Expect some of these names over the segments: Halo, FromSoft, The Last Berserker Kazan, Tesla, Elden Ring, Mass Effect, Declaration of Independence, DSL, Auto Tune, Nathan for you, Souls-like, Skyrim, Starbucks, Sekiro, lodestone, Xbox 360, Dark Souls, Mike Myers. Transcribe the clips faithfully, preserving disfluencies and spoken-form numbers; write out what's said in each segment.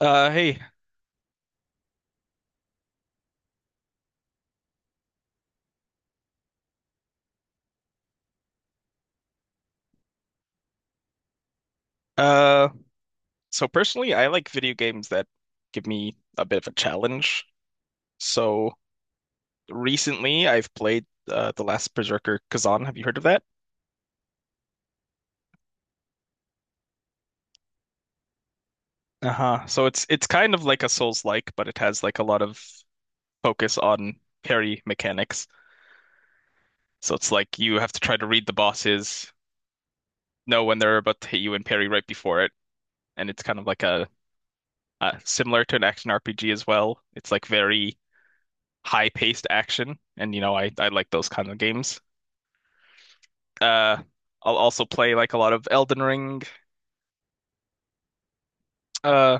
Uh, hey, uh, so personally, I like video games that give me a bit of a challenge. So recently, I've played uh, The Last Berserker Kazan. Have you heard of that? Uh-huh. So it's it's kind of like a Souls-like, but it has like a lot of focus on parry mechanics. So it's like you have to try to read the bosses, know when they're about to hit you, and parry right before it. And it's kind of like a uh, similar to an action R P G as well. It's like very high-paced action, and you know, I I like those kind of games. Uh, I'll also play like a lot of Elden Ring. Uh,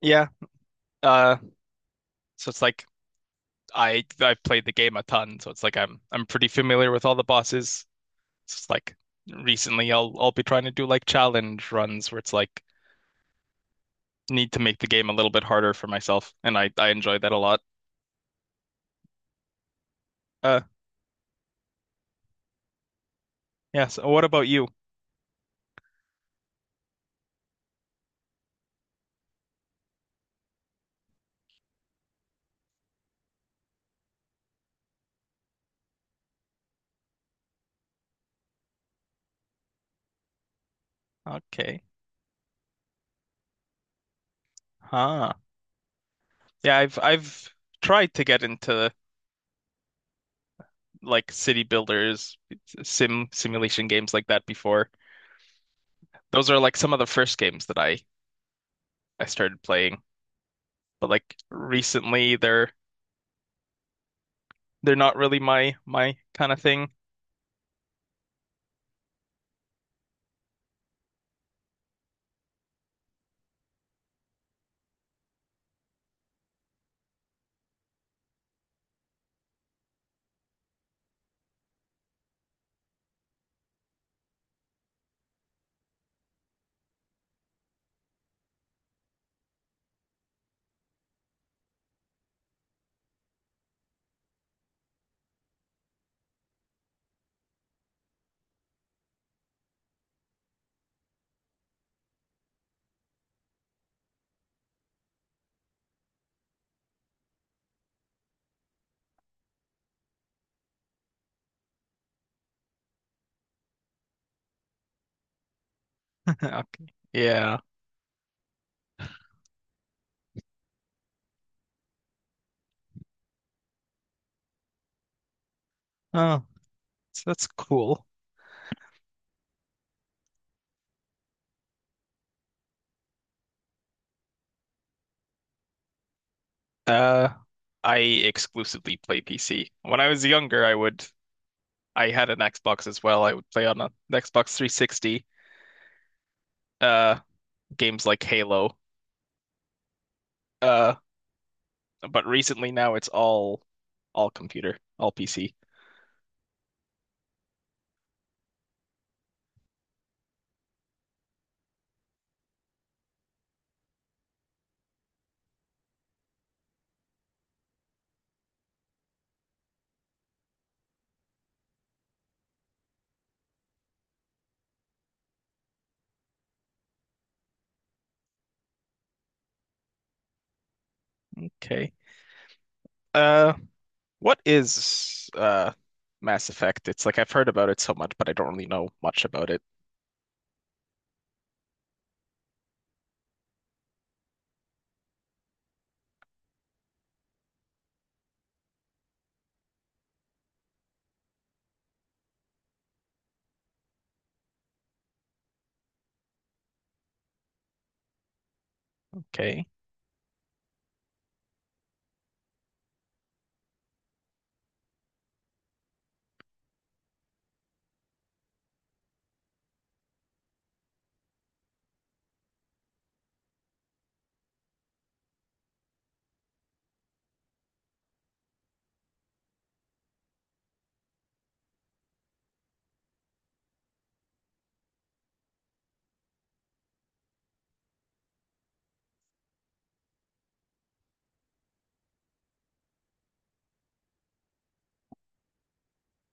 yeah. Uh, so it's like I I've played the game a ton, so it's like I'm I'm pretty familiar with all the bosses. So it's like recently I'll I'll be trying to do like challenge runs where it's like need to make the game a little bit harder for myself, and I I enjoy that a lot. Uh, yeah. So what about you? Okay. Huh. Yeah, I've I've tried to get into like city builders, sim simulation games like that before. Those are like some of the first games that I I started playing. But like recently they're they're not really my my kind of thing. Okay. Yeah. Oh, so that's cool. Uh I exclusively play P C. When I was younger, I would I had an Xbox as well. I would play on a, an Xbox three sixty. Uh Games like Halo. Uh But recently now it's all all computer, all P C. Okay. Uh, what is uh Mass Effect? It's like I've heard about it so much, but I don't really know much about it. Okay.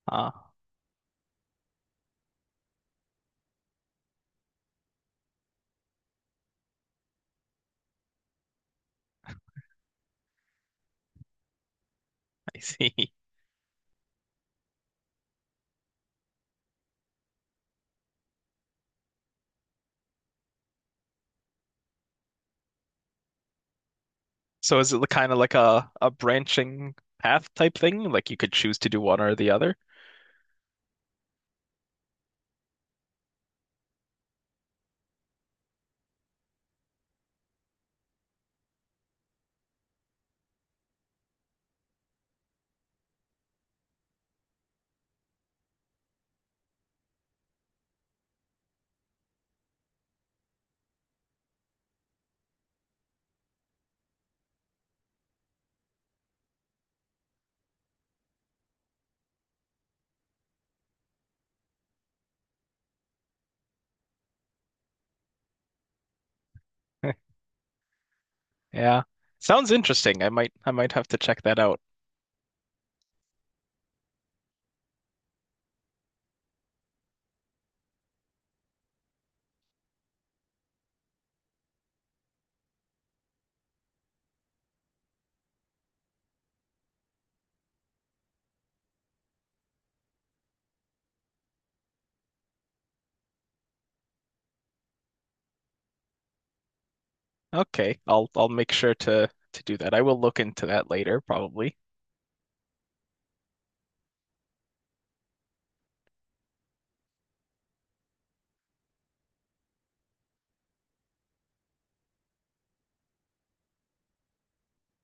Ah, I see. So is it kind of like a a branching path type thing? Like you could choose to do one or the other? Yeah. Sounds interesting. I might I might have to check that out. Okay. I'll I'll make sure to to do that. I will look into that later, probably.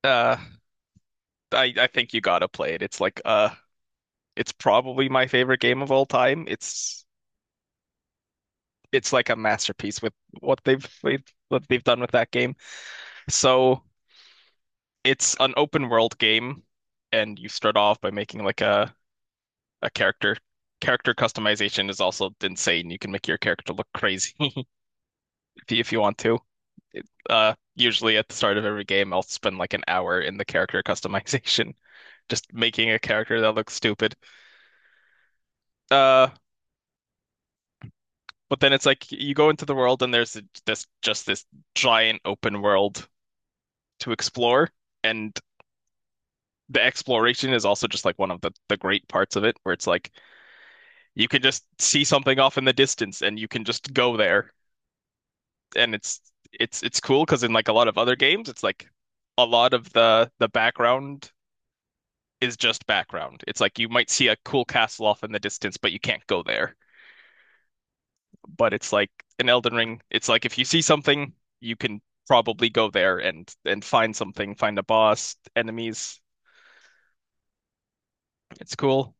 Uh, I I think you gotta play it. It's like a it's probably my favorite game of all time. It's it's like a masterpiece with what they've with what they've done with that game. So it's an open world game, and you start off by making like a a character. Character customization is also insane. You can make your character look crazy if you, if you want to. Uh, usually at the start of every game, I'll spend like an hour in the character customization, just making a character that looks stupid. Uh, but then it's like you go into the world and there's this just this giant open world to explore. And the exploration is also just like one of the, the great parts of it, where it's like you can just see something off in the distance and you can just go there. And it's it's it's cool because in like a lot of other games, it's like a lot of the the background is just background. It's like you might see a cool castle off in the distance, but you can't go there. But it's like in Elden Ring, it's like if you see something, you can probably go there and and find something, find a boss, enemies. It's cool.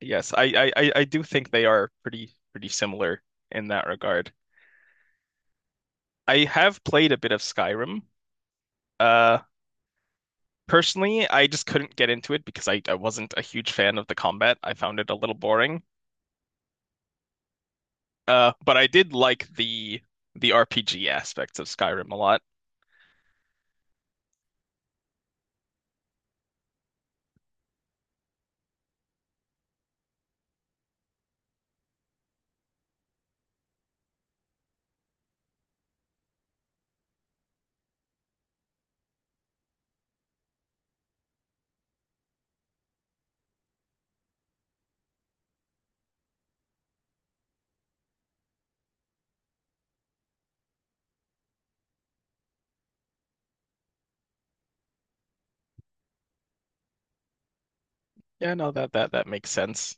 Yes, I, I, I I do think they are pretty pretty similar in that regard. I have played a bit of Skyrim. Uh, Personally, I just couldn't get into it because I, I wasn't a huge fan of the combat. I found it a little boring. Uh, but I did like the the R P G aspects of Skyrim a lot. Yeah, no, that that that makes sense.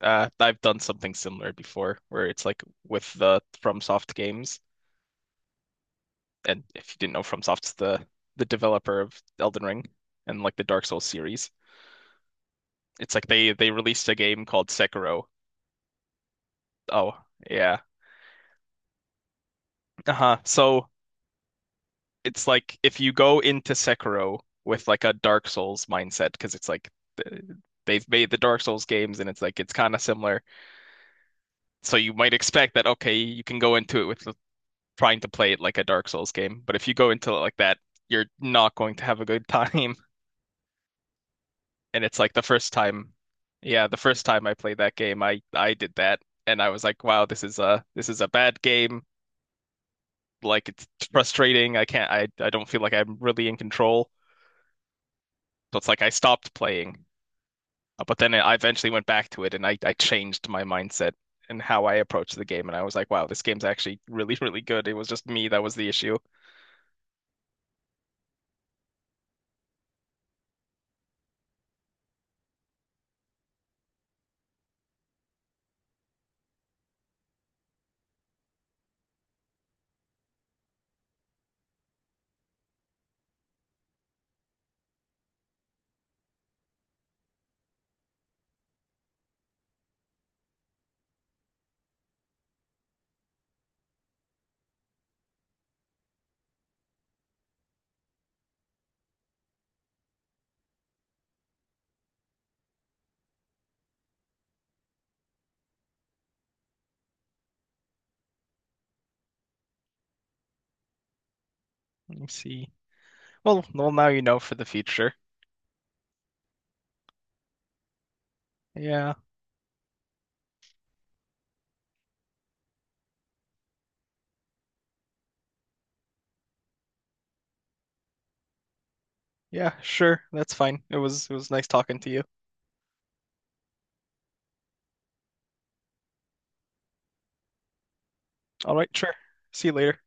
Uh, I've done something similar before, where it's like with the FromSoft games, and if you didn't know, FromSoft's the the developer of Elden Ring and like the Dark Souls series. It's like they they released a game called Sekiro. Oh, yeah. Uh-huh. So it's like if you go into Sekiro with like a Dark Souls mindset, because it's like th- they've made the Dark Souls games and it's like it's kind of similar. So you might expect that okay, you can go into it with the- trying to play it like a Dark Souls game, but if you go into it like that, you're not going to have a good time. And it's like the first time, yeah, the first time I played that game, I I did that and I was like, wow, this is a this is a bad game. Like it's frustrating. I can't I I don't feel like I'm really in control. So it's like I stopped playing. Uh, But then I eventually went back to it and I I changed my mindset and how I approached the game and I was like, wow, this game's actually really really good. It was just me that was the issue. Let me see. Well, well now you know for the future. Yeah. Yeah, sure. That's fine. It was it was nice talking to you. All right, sure. See you later.